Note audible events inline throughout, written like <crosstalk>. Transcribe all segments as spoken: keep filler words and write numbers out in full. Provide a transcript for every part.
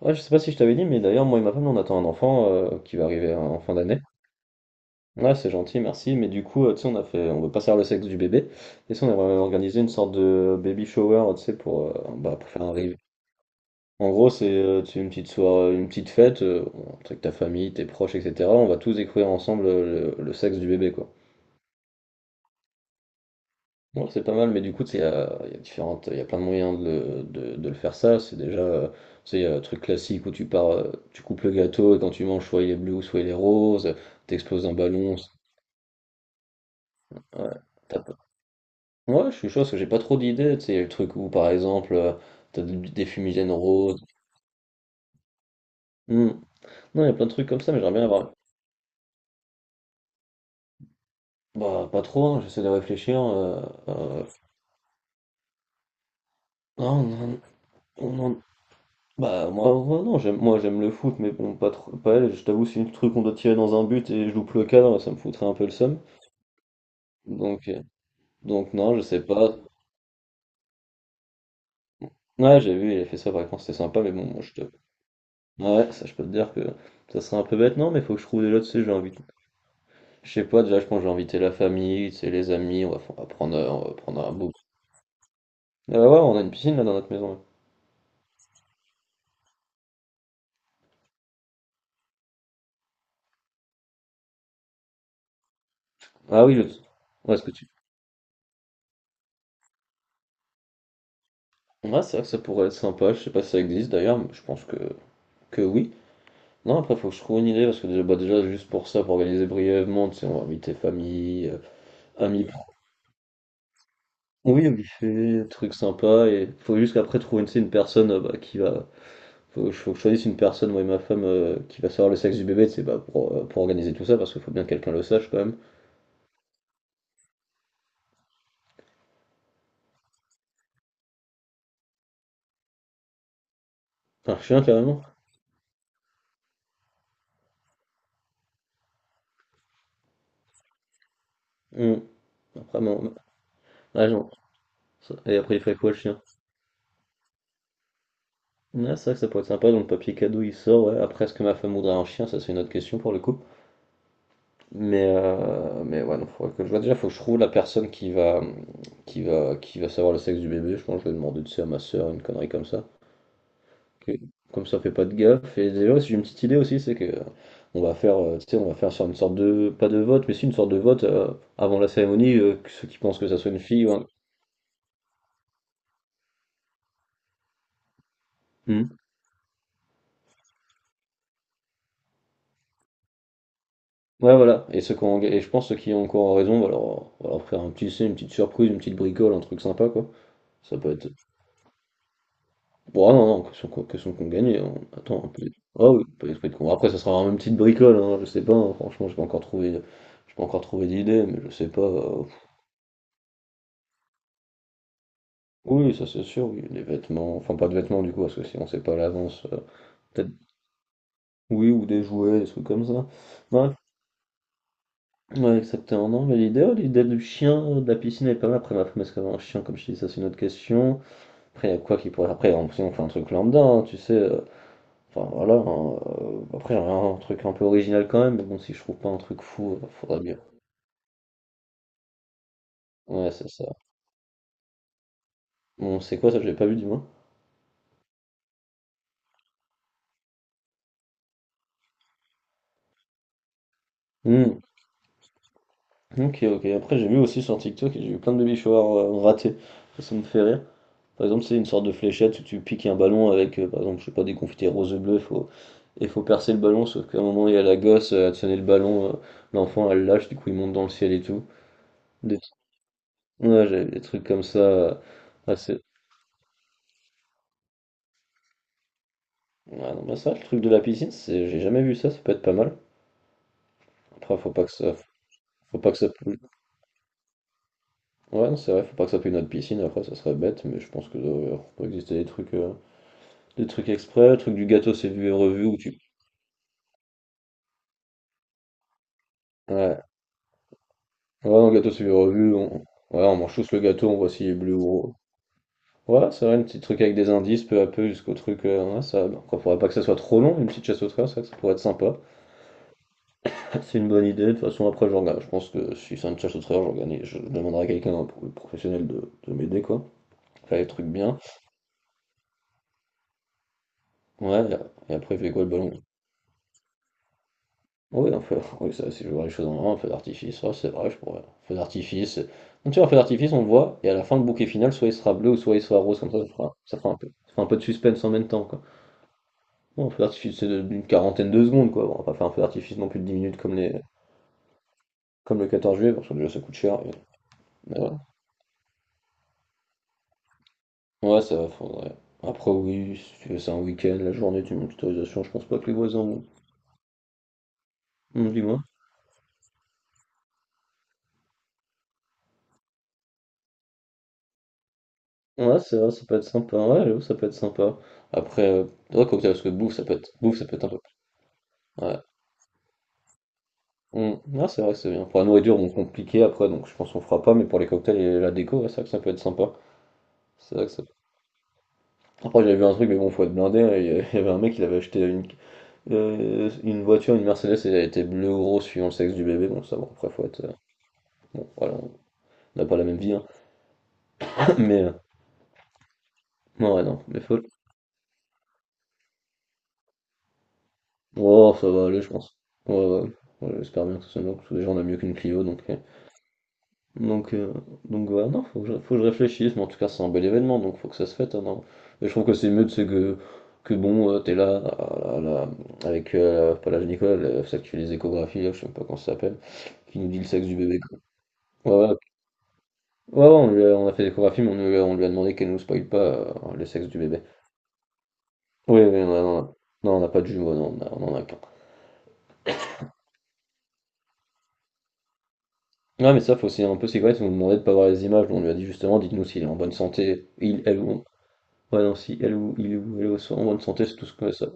Ouais, je sais pas si je t'avais dit, mais d'ailleurs, moi et ma femme, on attend un enfant euh, qui va arriver en en fin d'année. Ouais, c'est gentil, merci. Mais du coup, euh, tu sais, on a fait, on veut pas savoir le sexe du bébé. Et ça, on aimerait organisé une sorte de baby shower, euh, tu sais, pour, euh, bah, pour faire un réveil. En gros, c'est euh, tu sais, une petite soirée, une petite fête, euh, avec ta famille, tes proches, et cetera. On va tous découvrir ensemble euh, le, le sexe du bébé, quoi. Bon, c'est pas mal, mais du coup, tu sais, il y a, il y a différentes, il y a plein de moyens de, le de- de le faire ça. C'est déjà, euh, tu sais, il y a le truc classique où tu pars, euh, tu coupes le gâteau et quand tu manges, soit il est bleu, soit il est rose, t'exploses un ballon. c'est- Ouais, t'as pas- Ouais, je suis chaud parce que j'ai pas trop d'idées. Tu sais, il y a le truc où, par exemple, euh, t'as des, des fumigènes roses. Hmm. Non, il y a plein de trucs comme ça, mais j'aimerais bien avoir. Bah, pas trop, hein, j'essaie de réfléchir. euh, euh, Non, on en, on en Bah moi, moi, non, j'aime moi j'aime le foot mais bon pas trop pas elle, je t'avoue si le truc on doit tirer dans un but et je loupe le cadre, ça me foutrait un peu le seum. Donc euh, donc non, je sais pas. Ouais, j'ai vu, il a fait ça par exemple, c'était sympa mais bon, moi je te Ouais, ça je peux te dire que ça serait un peu bête non, mais faut que je trouve des lots, tu sais, j'ai invité je sais pas, déjà je pense que j'ai invité la famille, tu sais les amis, on va, on va prendre euh, on va prendre un bout. Ah bah ouais, on a une piscine là dans notre maison. Là. Ah oui, je... ouais, est-ce que tu Ouais, c'est vrai que ça pourrait être sympa, je sais pas si ça existe d'ailleurs, mais je pense que que oui. Non, après, faut que je trouve une idée, parce que déjà, bah, déjà juste pour ça, pour organiser brièvement, tu sais, on va inviter famille, euh, amis. Oui, au buffet, truc sympa, et faut juste qu'après trouver, une, tu sais, une personne euh, bah, qui va. Faut, que je- faut que je choisisse une personne, moi et ma femme, euh, qui va savoir le sexe du bébé, tu sais, bah, pour, euh, pour organiser tout ça, parce qu'il faut bien que quelqu'un le sache quand même. Un chien, carrément. Hum. Après, bon, ah, non. Ça- Et après, il ferait quoi le chien? Ah, c'est vrai que ça pourrait être sympa, donc le papier cadeau il sort, ouais. Après, est-ce que ma femme voudrait un chien? Ça, c'est une autre question pour le coup. Mais, euh, mais ouais, non, faudrait que je vois. Déjà, faut que je trouve la personne qui va, qui va, qui va savoir le sexe du bébé. Je pense que je vais demander tu sais, à ma soeur une connerie comme ça. Ok. Comme ça, fait pas de gaffe. Et d'ailleurs, si j'ai une petite idée aussi, c'est que euh, on va faire, euh, tu sais, on va faire sur une sorte de, pas de vote, mais si une sorte de vote euh, avant la cérémonie, euh, que ceux qui pensent que ça soit une fille ou un- Hmm. Ouais, voilà. Et ceux qui ont- et je pense ceux qui ont encore raison, on va leur, on va leur faire un petit, tu sais, une petite surprise, une petite bricole, un truc sympa, quoi. Ça peut être. Bon, ah non, non, question qu'on question qu'on gagne. on- Attends, un peu. Ah oui, pas d'esprit de con. Après, ça sera vraiment une petite bricole, hein, je sais pas, hein, franchement, j'ai pas encore trouvé, j'ai pas encore trouvé d'idée, mais je sais pas. euh, Oui, ça c'est sûr, oui, des vêtements, enfin pas de vêtements du coup, parce que si on sait pas à l'avance, euh, peut-être, oui, ou des jouets, des trucs comme ça. Ouais, ouais, exactement, non, mais l'idée, ouais, l'idée du chien, euh, de la piscine est pas mal. Après, ma femme, est-ce qu'elle a un chien, comme je te dis, ça c'est une autre question. Après, il y a quoi qui pourrait. Après, on, si on fait un truc lambda, hein, tu sais. euh, Enfin voilà, hein, euh, après un, truc un peu original quand même, mais bon si je trouve pas un truc fou, euh, faudra bien. Ouais c'est ça. Bon c'est quoi ça, j'ai pas vu du moins. Hmm, Ok ok, après j'ai vu aussi sur TikTok, j'ai vu plein de baby showers euh, ratés, ça, ça me fait rire. Par exemple c'est une sorte de fléchette où tu piques un ballon avec euh, par exemple je sais pas des confettis roses et bleues, faut... et faut percer le ballon sauf qu'à un moment il y a la gosse, euh, elle tenait le ballon, euh, l'enfant elle lâche, du coup il monte dans le ciel et tout. Des... Ouais j'avais des trucs comme ça, euh, assez... Ouais, non, bah ça, le truc de la piscine, c'est j'ai jamais vu ça, ça peut être pas mal. Après, faut pas que ça, faut pas que ça, pollue- ouais, non, c'est vrai, faut pas que ça pollue notre piscine. Après, ça serait bête, mais je pense que euh, peut exister des trucs, euh, des trucs exprès, le truc du gâteau c'est vu et revu où tu, ouais, ouais, non, le gâteau c'est vu et revu, on, ouais, on mange tous le gâteau, on voit s'il est bleu ou rose. Ouais, c'est vrai, un petit truc avec des indices peu à peu jusqu'au truc, euh, ouais, ça, bah, après, faudrait pas que ça soit trop long, une petite chasse au trésor, c'est vrai que ça pourrait être sympa. C'est une bonne idée. De toute façon, après, je, regarde. Je pense que si c'est un challenge de travers, je, regarde. Je demanderai à quelqu'un, un professionnel, de, de m'aider, quoi. Faire les trucs bien. Ouais, et après, il fait quoi le ballon? Oui, en fait <laughs> oui, ça, si je vois les choses en main, un feu d'artifice, ouais, c'est vrai, je pourrais. Feu d'artifice. Donc, tu vois, un feu d'artifice, on le voit, et à la fin, le bouquet final, soit il sera bleu ou soit il sera rose, comme ça, ça fera, ça fera un peu, ça fera un peu de suspense en même temps, quoi. Bon, un feu d'artifice, c'est de- d'une quarantaine de secondes, quoi. Bon, on va pas faire un feu d'artifice non plus de dix minutes comme les, comme le quatorze juillet, parce que déjà, ça coûte cher, et, mais voilà. Ouais, ça va, faudrait. Après, oui, si tu veux, c'est un week-end, la journée, tu mets une autorisation, je pense pas que les voisins vont. Hum, Dis-moi. Ouais, c'est vrai, ça peut être sympa. Ouais, j'avoue, ça peut être sympa. Après, euh, ouais, cocktail, parce que bouffe, ça peut être, bouffe, ça peut être un peu plus. Ouais. Hum, ouais, c'est vrai que c'est bien. Pour la nourriture, on compliqué après, donc je pense qu'on fera pas, mais pour les cocktails et la déco, ouais, c'est vrai que ça peut être sympa. C'est vrai que ça. Après, j'avais vu un truc, mais bon, faut être blindé. là, Il y a- il y avait un mec, il avait acheté une, euh, une voiture, une Mercedes, et elle était bleue ou rose suivant le sexe du bébé. Bon, ça, bon, après, faut être. euh, Bon, voilà, on n'a pas la même vie, hein. <coughs> <laughs> Mais. euh, Ouais, ouais, non, mais faut... Oh, ça va aller, je pense. Ouais, ouais, ouais, Ouais, j'espère bien que ça sonne parce que déjà on a mieux qu'une Clio, donc... euh, Donc, euh, donc ouais, non, faut que, je, faut que je réfléchisse, mais en tout cas c'est un bel événement, donc faut que ça se fête, hein, non. Et je trouve que c'est mieux, c'est que, que bon, euh, t'es là, là, là, là, avec, euh, pas l'âge Nicolas, le- celle qui fait les échographies, là, je sais même pas comment ça s'appelle, qui nous dit le sexe du bébé, quoi. Ouais, ouais, ouais, ouais, on lui a, on a fait l'échographie, mais on lui a, on lui a demandé qu'elle nous spoile pas euh, le sexe du bébé. Oui, oui, on a- on a- non, on n'a pas de jumeaux, non, on a- on en a qu'un. Ouais, mais ça, faut aussi un peu sécuriser. Ils nous demandait de pas voir les images. On lui a dit justement, dites-nous s'il est en bonne santé, il, elle ou ouais, non, si elle ou il ou elle est en bonne santé, c'est tout ce que ça.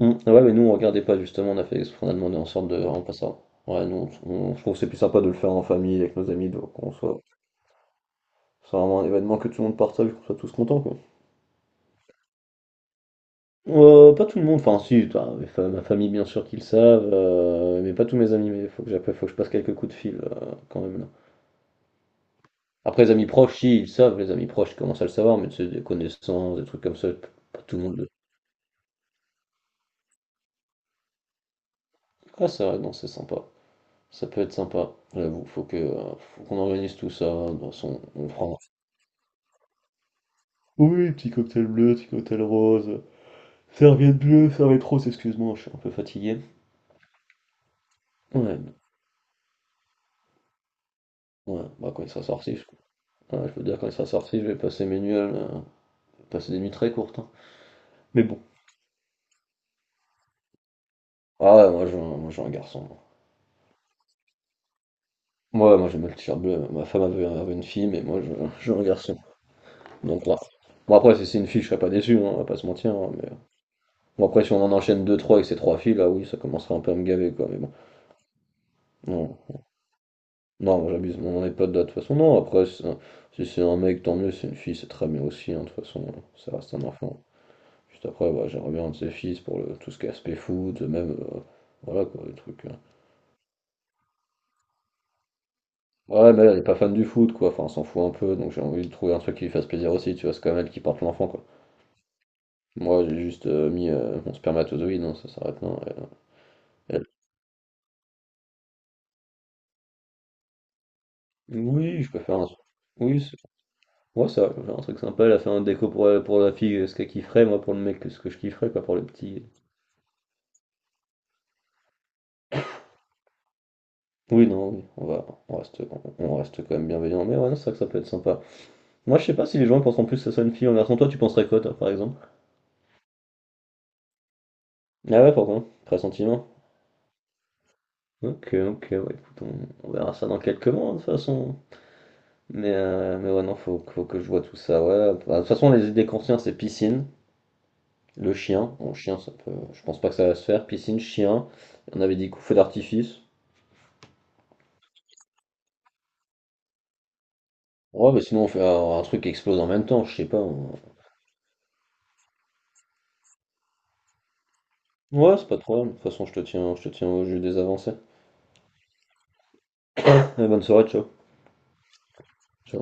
Hum, ah ouais, mais nous, on regardait pas justement. On a fait, on a demandé en sorte de vraiment pas ça. Ouais, nous, on, on- je trouve que c'est plus sympa de le faire en famille avec nos amis, donc qu'on soit. C'est vraiment un événement que tout le monde partage, qu'on soit tous contents, quoi. Euh, pas tout le monde, enfin si, toi, mes fa- ma famille bien sûr qu'ils le savent, euh, mais pas tous mes amis, mais faut que j'appelle, faut que je passe quelques coups de fil euh, quand même. Après, les amis proches, si, ils le savent, les amis proches commencent à le savoir, mais tu sais, des connaissances, des trucs comme ça, pas tout le monde le. Ah, c'est vrai, non, c'est sympa. Ça peut être sympa, j'avoue. Faut que, euh, faut qu'on organise tout ça. De toute façon, on prend. Oui, petit cocktail bleu, petit cocktail rose, serviette bleue, serviette rose, excuse-moi, je suis un peu fatigué. Ouais, ouais, bah quand il sera sorti, je, ouais, je peux te dire, quand il sera sorti, je vais passer mes nuits, euh, passer des nuits très courtes, hein. Mais bon. Ah ouais, moi, je, moi, j'ai un garçon. Moi, moi, moi j'aime le t-shirt bleu. Ma femme avait, avait une fille, mais moi, je- j'ai un garçon. Donc là. Bon après si c'est une fille je serais pas déçu, hein, on va pas se mentir, hein, mais... Bon après si on en enchaîne deux trois avec ces trois filles là oui ça commencerait un peu à me gaver quoi mais bon. Non, non j'abuse, mais on en est pas de là de toute façon. Non après un- si c'est un mec tant mieux, si c'est une fille c'est très bien aussi hein, de toute façon ça reste un enfant. Juste après ouais, j'aimerais bien un de ses fils pour le... tout ce qui est aspect foot, même euh, voilà quoi les trucs, hein. Ouais mais elle est pas fan du foot quoi, enfin on s'en fout un peu donc j'ai envie de trouver un truc qui lui fasse plaisir aussi, tu vois, c'est quand même elle qui porte l'enfant quoi. Moi j'ai juste euh, mis euh, mon spermatozoïde, non, ça s'arrête là. Elle, elle Oui, je peux faire un truc. Oui, c'est- ouais, ça, je peux faire un truc sympa, la faire un déco pour, la- pour la fille, euh, ce qu'elle kifferait, moi pour le mec, ce que je kifferais, pas pour le petit. Oui, non, oui, on va, on reste, on, on reste quand même bienveillant, mais ouais, non, c'est vrai que ça peut être sympa. Moi, je sais pas si les gens pensent en plus que ça soit une fille en garçon, toi, tu penserais quoi, toi, par exemple? Ah ouais, pourquoi? Pressentiment? Ok, ok, ouais, écoute, on, on verra ça dans quelques mois, hein, de toute façon. Mais, euh, mais ouais, non, faut, faut que je vois tout ça, ouais. Bah, de toute façon, les idées qu'on c'est piscine. Le chien, bon chien ça peut, je pense pas que ça va se faire. Piscine, chien, on avait dit coup feu d'artifice. Ouais, bah sinon on fait un, un truc qui explose en même temps, je sais pas. on- Ouais, c'est pas trop grave. De toute façon, je te tiens, je te tiens au jus des avancées. Allez, bonne soirée, ciao. Ciao.